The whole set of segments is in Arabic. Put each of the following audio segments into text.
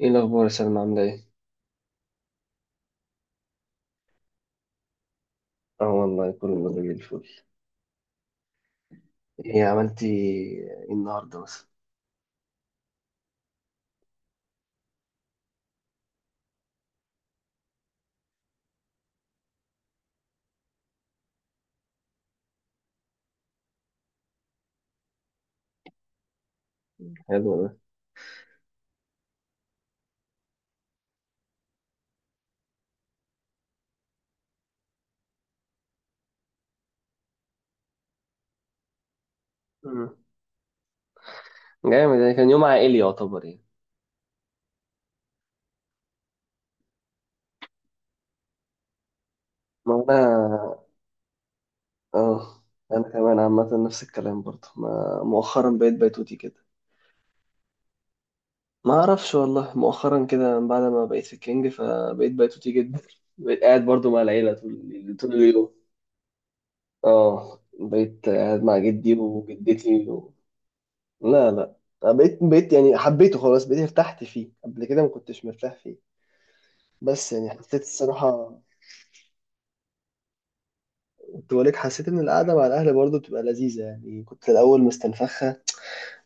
ايه الاخبار يا سلمى، عامله ايه؟ اه والله كله زي الفل. ايه عملتي ايه النهارده مثلا؟ حلو ده. مم. جامد، يعني كان يوم عائلي يعتبر يعني. ما انا اه، انا كمان عامه نفس الكلام برضه، ما مؤخرا بقيت بيتوتي كده. ما اعرفش والله، مؤخرا كده من بعد ما بقيت في الكينج فبقيت بيتوتي جدا. بقيت قاعد برضه مع العيله طول طول اليوم. اه، بقيت قاعد مع جدي وجدتي. لا لا، أنا بقيت يعني حبيته، خلاص بقيت ارتحت فيه، قبل كده ما كنتش مرتاح فيه. بس يعني حسيت الصراحة. كنت بقولك حسيت إن القعدة مع الأهل برضه بتبقى لذيذة يعني، كنت في الأول مستنفخة،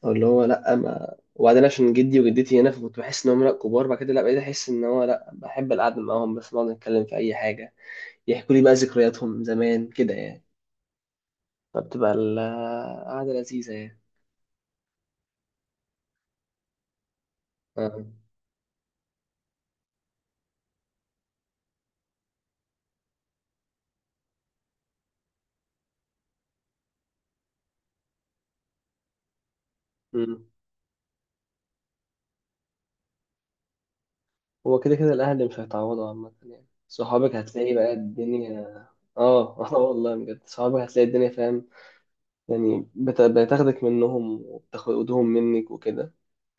أو اللي هو لأ، ما وبعدين عشان جدي وجدتي هنا، فكنت بحس إن هم لأ كبار، بعد كده لأ، بقيت أحس إن هو لأ، بحب القعدة معاهم، بس نقعد نتكلم في أي حاجة، يحكوا لي بقى ذكرياتهم زمان كده يعني. فبتبقى القعدة لذيذة يعني. آه. هو كده كده الأهل مش هيتعوضوا عامة يعني، صحابك هتلاقي بقى الدنيا. اه. اه والله بجد، صحابك هتلاقي الدنيا فاهم. يعني بتاخدك منهم وبتاخدهم منك وكده.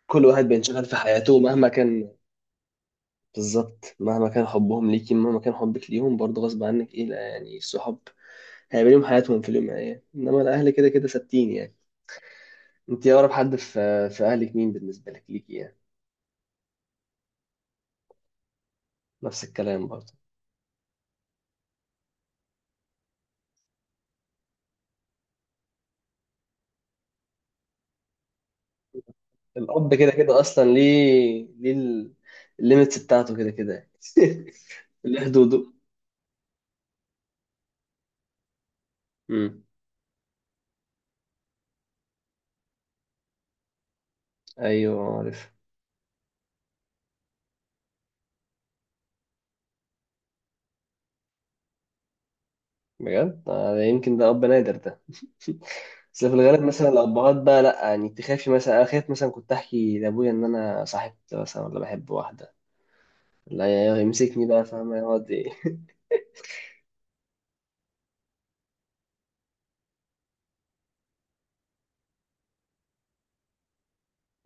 كل واحد بينشغل في حياته مهما كان. بالظبط، مهما كان حبهم ليكي، مهما كان حبك ليهم، برضه غصب عنك ايه، لا يعني الصحاب هيبقى ليهم حياتهم في اليوم يعني. انما الأهل كده كده ثابتين يعني. انت أقرب حد في أهلك مين بالنسبة ليكي يعني؟ نفس الكلام برضه. الأب كده كده أصلا ليه، ليه الليميتس بتاعته كده كده. ليه حدوده. امم أيوه عارف. بجد يمكن ده أب نادر ده. بس في الغالب مثلا الأبهات بقى لأ، يعني تخافي مثلا، أنا خايف مثلا كنت أحكي لأبويا إن أنا صاحبت مثلا، ولا بحب واحدة. لا، يمسكني بقى فاهمة، يقعد إيه.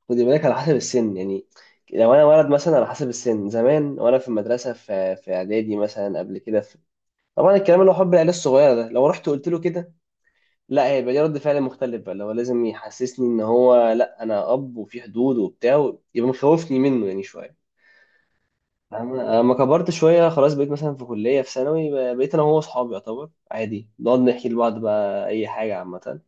خدي بالك على حسب السن يعني. لو أنا ولد مثلا على حسب السن زمان وأنا في المدرسة، في في إعدادي مثلا، قبل كده. طبعا الكلام اللي هو حب العيال الصغيرة ده، لو رحت قلت له كده، لا هي يبقى ليه رد فعل مختلف بقى، اللي هو لازم يحسسني ان هو لا انا اب وفي حدود وبتاع، يبقى مخوفني منه يعني شويه. أما كبرت شوية خلاص، بقيت مثلا في كلية، في ثانوي، بقيت أنا وهو أصحابي يعتبر، عادي نقعد نحكي لبعض بقى أي حاجة عامة.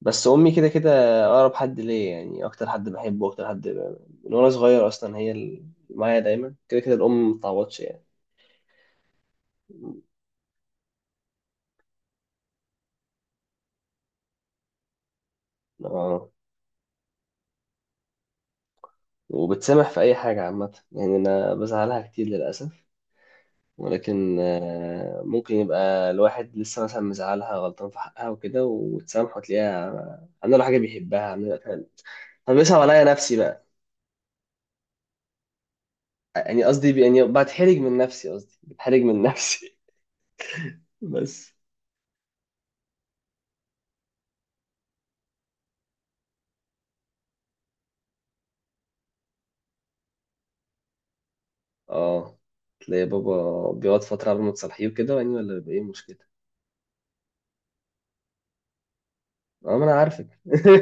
بس أمي كده كده أقرب حد ليا يعني، أكتر حد بحبه، أكتر حد من وأنا صغير أصلا هي اللي معايا دايما، كده كده الأم متعوضش يعني. آه وبتسامح في أي حاجة عامة يعني، أنا بزعلها كتير للأسف، ولكن ممكن يبقى الواحد لسه مثلا مزعلها، غلطان في حقها وكده، وتسامحه، تلاقيها عامله له حاجه بيحبها، عامله له فاهم. طب بيصعب عليا نفسي بقى، يعني قصدي يعني بتحرج من نفسي، قصدي بتحرج من نفسي. بس اه تلاقي بابا بيقعد فتره قبل ما تصالحيه وكده يعني، ولا بيبقى ايه المشكله؟ اه ما انا عارفك.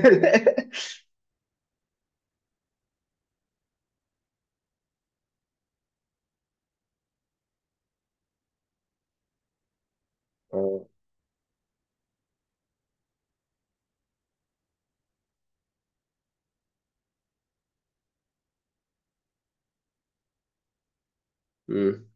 اه، امم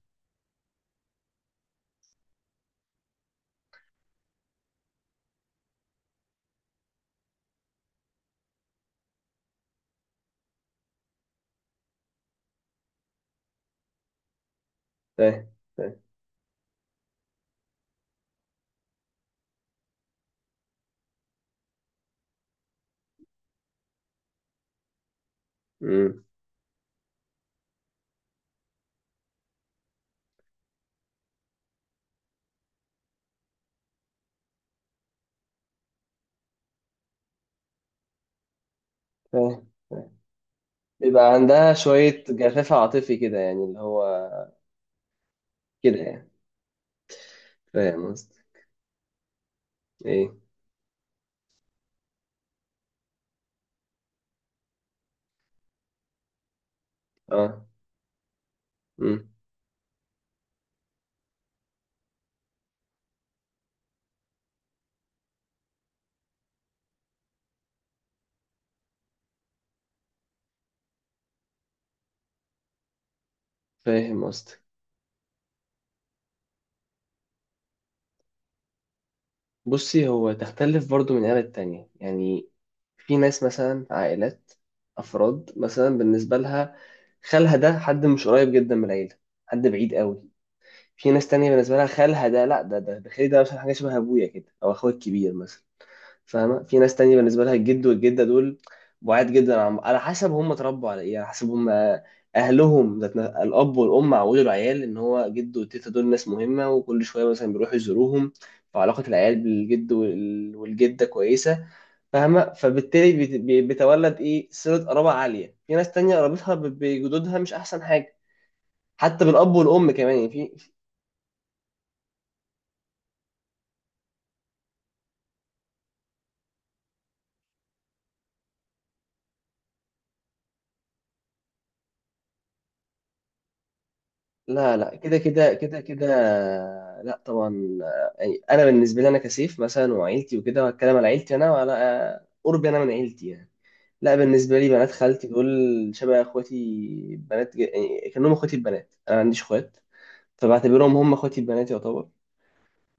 فاهم فاهم. امم فاهم فاهم. بيبقى عندها شويه جفاف عاطفي كده يعني، اللي هو كده يعني. فاهم قصدي. ايه؟ اه، امم فاهم قصدك. بصي، هو تختلف برضو من عيلة تانية يعني. في ناس مثلا، عائلات، افراد مثلا، بالنسبة لها خالها ده حد مش قريب جدا من العيلة، حد بعيد قوي. في ناس تانية بالنسبة لها خالها ده، لا ده خالي ده مثلا، حاجة شبه ابويا كده، او اخويا الكبير مثلا. فاهمه. في ناس تانية بالنسبه لها الجد والجده دول بعاد جدا، عن على حسب هم اتربوا على ايه، على حسب هم اهلهم، الاب والام عودوا العيال ان هو جد والتيتا دول ناس مهمه، وكل شويه مثلا بيروحوا يزوروهم، فعلاقه العيال بالجد والجده كويسه. فاهمه. فبالتالي بيتولد ايه صله قرابه عاليه. في ناس تانية قرابتها بجدودها مش احسن حاجه، حتى بالاب والام كمان يعني. في لا لا كده كده كده كده، لا طبعا. يعني انا بالنسبه لي انا كسيف مثلا وعيلتي وكده، وهتكلم على عيلتي انا، وعلى قربي انا من عيلتي يعني. لا بالنسبه لي بنات خالتي دول شبه اخواتي، بنات يعني كانهم اخواتي البنات، انا ما عنديش اخوات، فبعتبرهم هم اخواتي البنات يعتبر.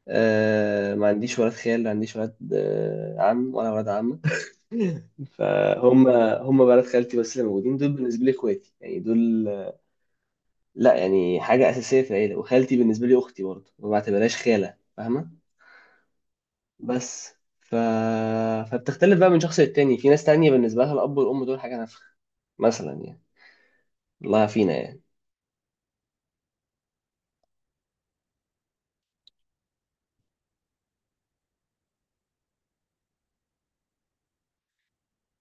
أه ما عنديش ولاد خال، لا عنديش ولاد عم ولا ولاد عم. فهم هم بنات خالتي بس اللي موجودين دول، بالنسبه لي اخواتي يعني دول، لا يعني حاجة أساسية في العيلة. وخالتي بالنسبة لي أختي برضه، ما بعتبرهاش خالة فاهمة. بس ف... فبتختلف بقى من شخص للتاني. في ناس تانية بالنسبة لها الأب والأم دول حاجة نفخ مثلا يعني، الله فينا يعني.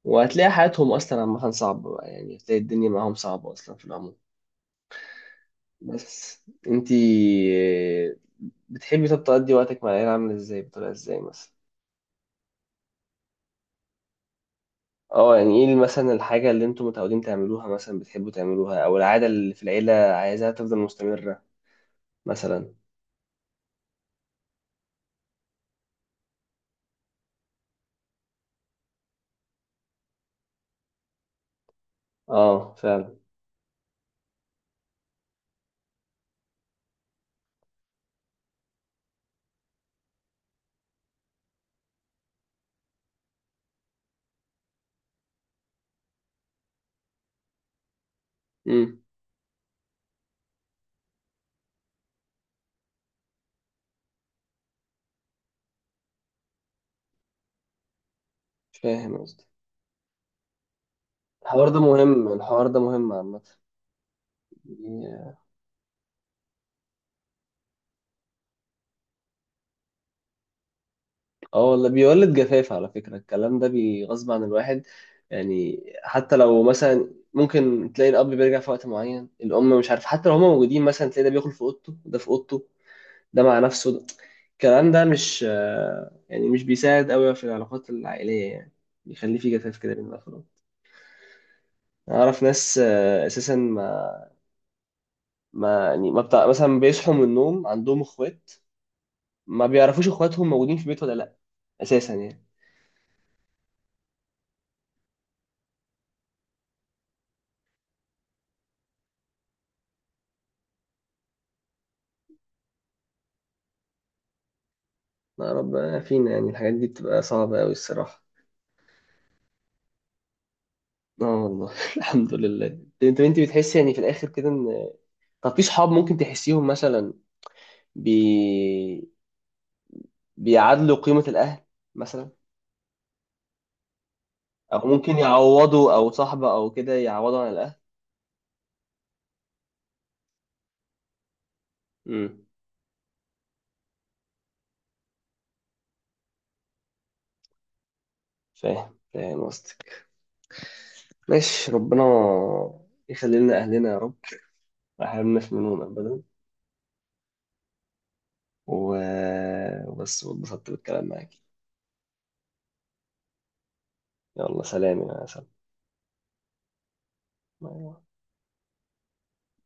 وهتلاقي حياتهم أصلا عامة صعبة بقى يعني، هتلاقي الدنيا معاهم صعبة أصلا في العموم. بس انتي بتحبي طب تقضي وقتك مع العيلة عاملة ازاي، بطريقة ازاي مثلا؟ اه يعني ايه مثلا الحاجة اللي انتوا متعودين تعملوها مثلا، بتحبوا تعملوها، أو العادة اللي في العيلة عايزاها تفضل مستمرة مثلا. اه فعلا. امم فاهم قصدي. الحوار ده مهم، الحوار ده مهم عامة. بي- اه والله بيولد جفاف، على فكرة الكلام ده بيغصب عن الواحد يعني. حتى لو مثلا ممكن تلاقي الأب بيرجع في وقت معين، الأم مش عارف، حتى لو هما موجودين مثلا تلاقي ده بياكل في أوضته، ده في أوضته، ده مع نفسه ده. الكلام ده مش يعني مش بيساعد قوي في العلاقات العائلية يعني، بيخلي في جفاف كده بين الأفراد. أعرف ناس أساسا ما يعني ما بتاع مثلا، بيصحوا من النوم عندهم إخوات ما بيعرفوش اخواتهم موجودين في البيت ولا لا اساسا يعني. ما ربنا فينا يعني، الحاجات دي بتبقى صعبة قوي الصراحة. اه والله. الحمد لله. انت بتحس يعني في الاخر كده ان، طب في صحاب ممكن تحسيهم مثلا بي... بيعادلوا قيمة الاهل مثلا، او ممكن يعوضوا، او صاحبة او كده يعوضوا عن الاهل؟ امم فاهم فاهم قصدك. ماشي، ربنا يخلي لنا اهلنا يا رب، ما يحرمناش منهم ابدا. و... وبس، واتبسطت بالكلام معاك. يلا سلام يا سلام. ما